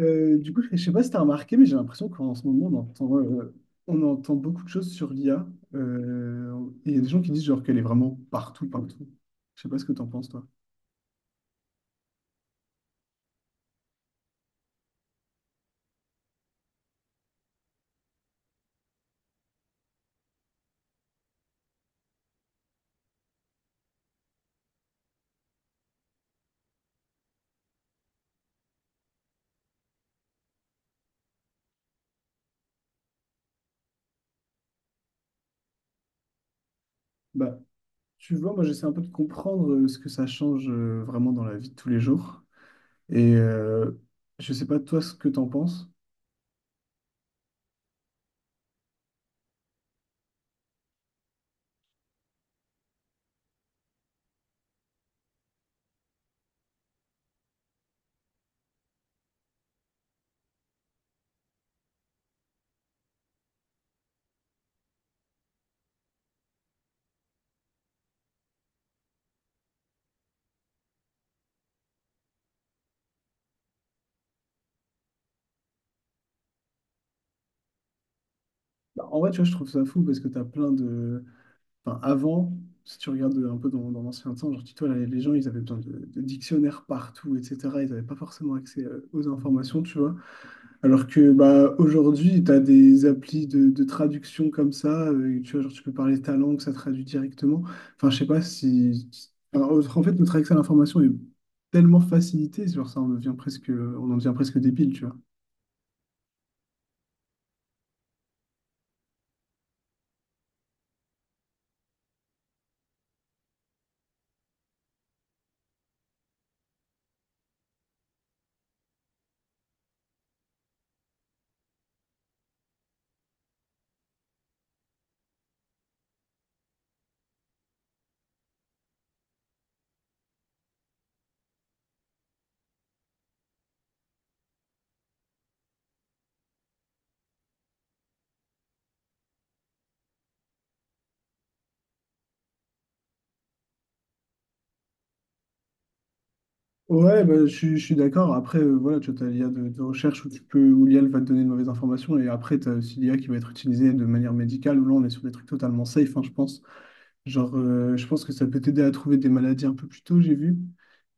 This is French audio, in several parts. Du coup, je sais pas si tu as remarqué, mais j'ai l'impression qu'en ce moment, on entend beaucoup de choses sur l'IA. Euh, et il y a des gens qui disent genre qu'elle est vraiment partout, partout. Je sais pas ce que tu en penses, toi. Bah, tu vois, moi, j'essaie un peu de comprendre ce que ça change vraiment dans la vie de tous les jours. Et je sais pas, toi, ce que tu en penses. Bah, en vrai, tu vois, je trouve ça fou parce que tu as enfin, avant, si tu regardes un peu dans l'ancien temps, genre, dis-toi, là, les gens, ils avaient besoin de dictionnaires partout, etc. Ils n'avaient pas forcément accès aux informations, tu vois. Alors que bah, aujourd'hui, tu as des applis de traduction comme ça, tu vois, genre, tu peux parler ta langue, ça traduit directement. Enfin, je sais pas si. Alors, en fait, notre accès à l'information est tellement facilité, genre, ça, on en devient presque débile, tu vois. Ouais, bah, je suis d'accord. Après, voilà, tu as l'IA de recherche où où l'IA va te donner de mauvaises informations. Et après, tu as aussi l'I a qui va être utilisée de manière médicale, où là, on est sur des trucs totalement safe, hein, je pense. Genre, je pense que ça peut t'aider à trouver des maladies un peu plus tôt, j'ai vu.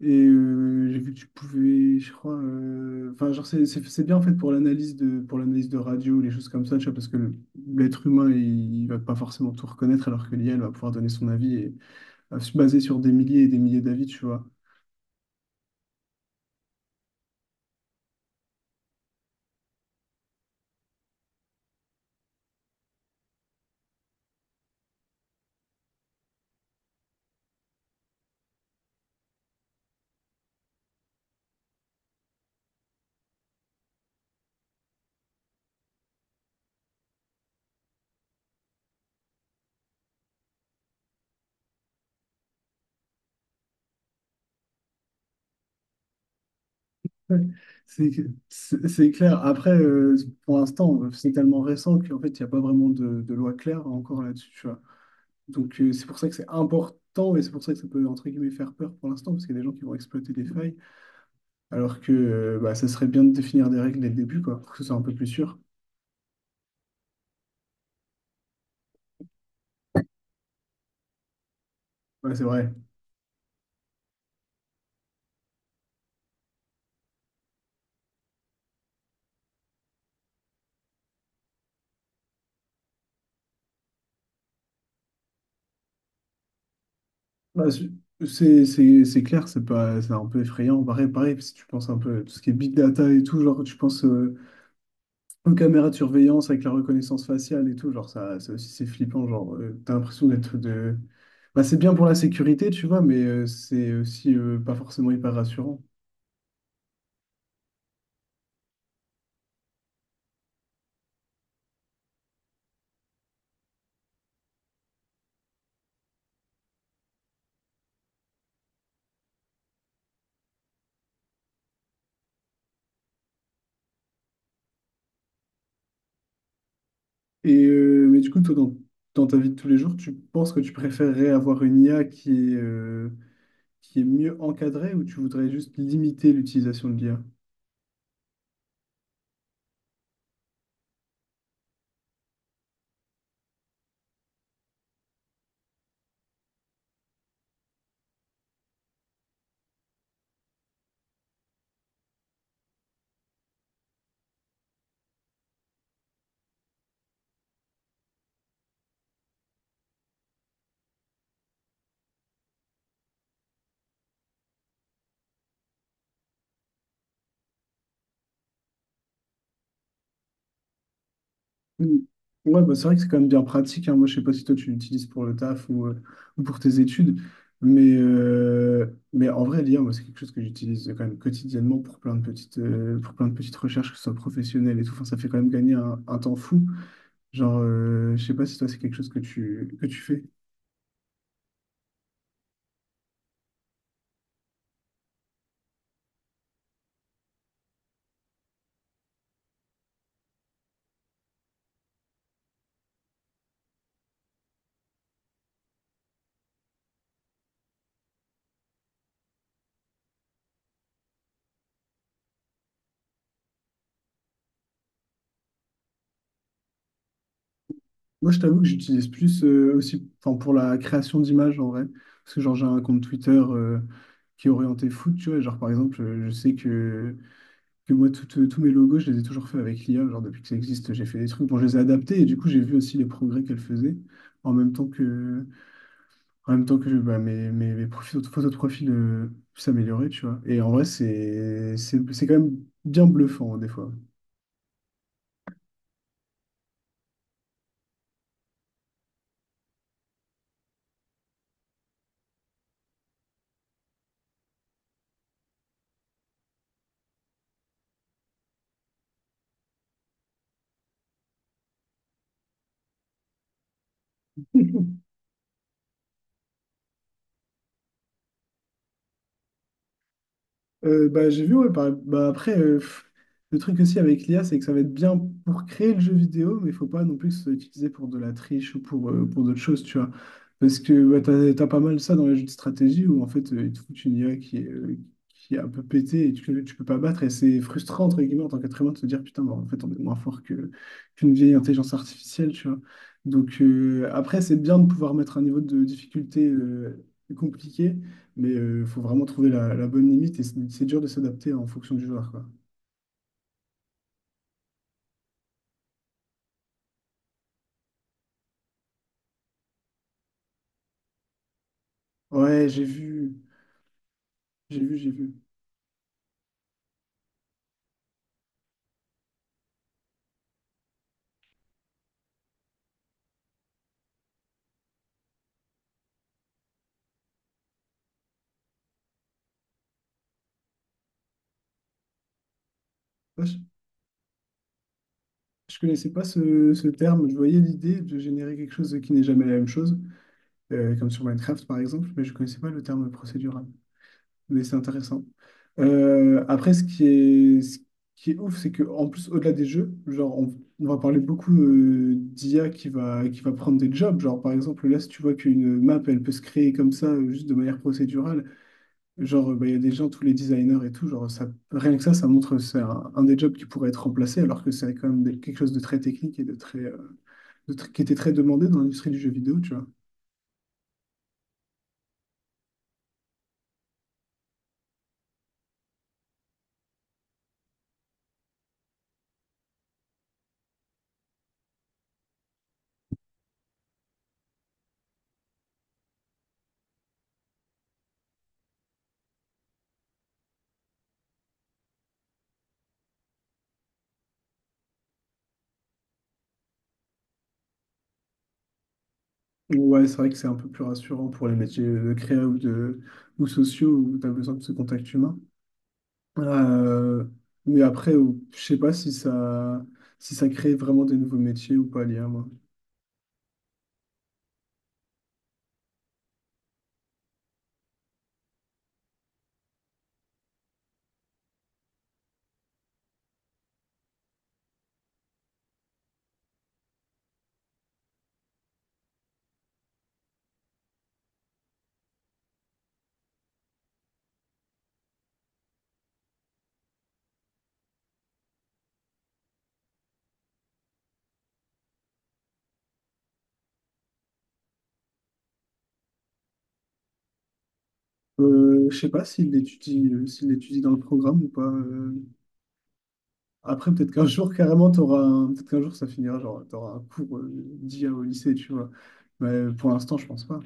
Et j'ai vu que tu pouvais, je crois, enfin, genre, c'est bien en fait pour pour l'analyse de radio, les choses comme ça, tu vois, parce que l'être humain, il va pas forcément tout reconnaître, alors que l'IA, elle va pouvoir donner son avis et va se baser sur des milliers et des milliers d'avis, tu vois. Ouais, C'est c'est clair. Après, pour l'instant, c'est tellement récent qu'en fait, il n'y a pas vraiment de loi claire encore là-dessus, tu vois. Donc, c'est pour ça que c'est important et c'est pour ça que ça peut, entre guillemets, faire peur pour l'instant, parce qu'il y a des gens qui vont exploiter des failles, alors que bah, ça serait bien de définir des règles dès le début, quoi, pour que ce soit un peu plus sûr. Ouais, c'est vrai. Bah, c'est clair, c'est pas, c'est un peu effrayant. Pareil, pareil, si tu penses un peu à tout ce qui est big data et tout, genre, tu penses. Une caméra de surveillance avec la reconnaissance faciale et tout, genre ça, ça aussi c'est flippant, genre t'as l'impression d'être de. Bah, c'est bien pour la sécurité, tu vois, mais c'est aussi pas forcément hyper rassurant. Et mais du coup, toi, dans ta vie de tous les jours, tu penses que tu préférerais avoir une IA qui est mieux encadrée ou tu voudrais juste limiter l'utilisation de l'IA? Mm. Ouais, bah, c'est vrai que c'est quand même bien pratique, hein. Moi, je sais pas si toi tu l'utilises pour le taf ou pour tes études, mais, euh, mais en vrai, l'IA, moi, c'est quelque chose que j'utilise quand même quotidiennement pour plein de petites recherches, que ce soit professionnelles et tout. Enfin, ça fait quand même gagner un temps fou. Genre, je sais pas si toi, c'est quelque chose que tu fais. Moi, je t'avoue que j'utilise plus aussi enfin, pour la création d'images en vrai. Parce que, genre, j'ai un compte Twitter qui est orienté foot, tu vois. Genre, par exemple, je sais que moi, tous mes logos, je les ai toujours faits avec l'IA. Genre, depuis que ça existe, j'ai fait des trucs. Bon, je les ai adaptés et du coup, j'ai vu aussi les progrès qu'elle faisait. En même temps que, en même temps que bah, mes photos de profil s'amélioraient, tu vois. Et en vrai, c'est quand même bien bluffant, hein, des fois. Bah, j'ai vu, ouais, bah, après, le truc aussi avec l'IA, c'est que ça va être bien pour créer le jeu vidéo, mais il faut pas non plus que ce soit utilisé pour de la triche ou pour d'autres choses, tu vois. Parce que bah, t'as pas mal ça dans les jeux de stratégie où en fait, ils te foutent une IA qui est un peu pétée et tu peux pas battre. Et c'est frustrant, entre guillemets, en tant qu'être humain, de se dire, putain, bah, en fait, on est moins fort qu'une vieille intelligence artificielle, tu vois. Donc après, c'est bien de pouvoir mettre un niveau de difficulté compliqué. Mais il faut vraiment trouver la bonne limite et c'est dur de s'adapter en fonction du joueur, quoi. Ouais, j'ai vu, j'ai vu, j'ai vu. Ouais, je connaissais pas ce terme. Je voyais l'idée de générer quelque chose qui n'est jamais la même chose, comme sur Minecraft par exemple, mais je connaissais pas le terme procédural. Mais c'est intéressant. Après, ce qui est ouf, c'est que en plus, au-delà des jeux, genre, on va parler beaucoup d'IA qui va prendre des jobs. Genre, par exemple, là, si tu vois qu'une map, elle peut se créer comme ça, juste de manière procédurale. Genre, bah, il y a des gens, tous les designers et tout, genre, ça, rien que ça montre que c'est un des jobs qui pourrait être remplacé, alors que c'est quand même quelque chose de très technique et de très, qui était très demandé dans l'industrie du jeu vidéo, tu vois. Ouais, c'est vrai que c'est un peu plus rassurant pour les métiers de créa ou sociaux où tu as besoin de ce contact humain. Euh, mais après, je sais pas si ça crée vraiment des nouveaux métiers ou pas, l'IA, moi. Je sais pas s'il l'étudie dans le programme ou pas. Après, peut-être qu'un jour, carrément, peut-être qu'un jour, ça finira, genre, t'auras un cours d'IA au lycée, tu vois. Mais pour l'instant, je pense pas.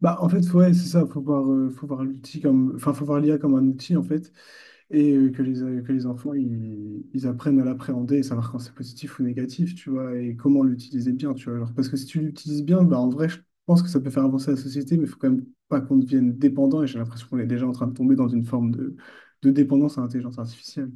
Bah, en fait, ouais, c'est ça, faut voir l'outil comme, enfin, faut voir l'IA comme un outil, en fait. Et que les enfants ils apprennent à l'appréhender et savoir quand c'est positif ou négatif, tu vois, et comment l'utiliser bien, tu vois. Alors, parce que si tu l'utilises bien, bah, en vrai, je pense que ça peut faire avancer la société, mais il faut quand même pas qu'on devienne dépendant, et j'ai l'impression qu'on est déjà en train de tomber dans une forme de dépendance à l'intelligence artificielle.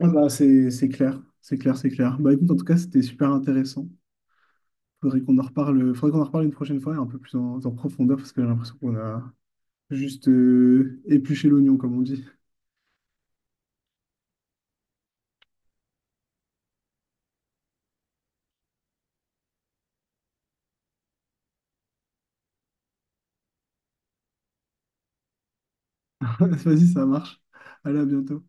Ah bah, c'est clair, c'est clair, c'est clair. Bah écoute, en tout cas, c'était super intéressant. Faudrait qu'on en reparle une prochaine fois, et un peu plus en profondeur, parce que j'ai l'impression qu'on a juste épluché l'oignon, comme on dit. Vas-y, ça marche. Allez, à bientôt.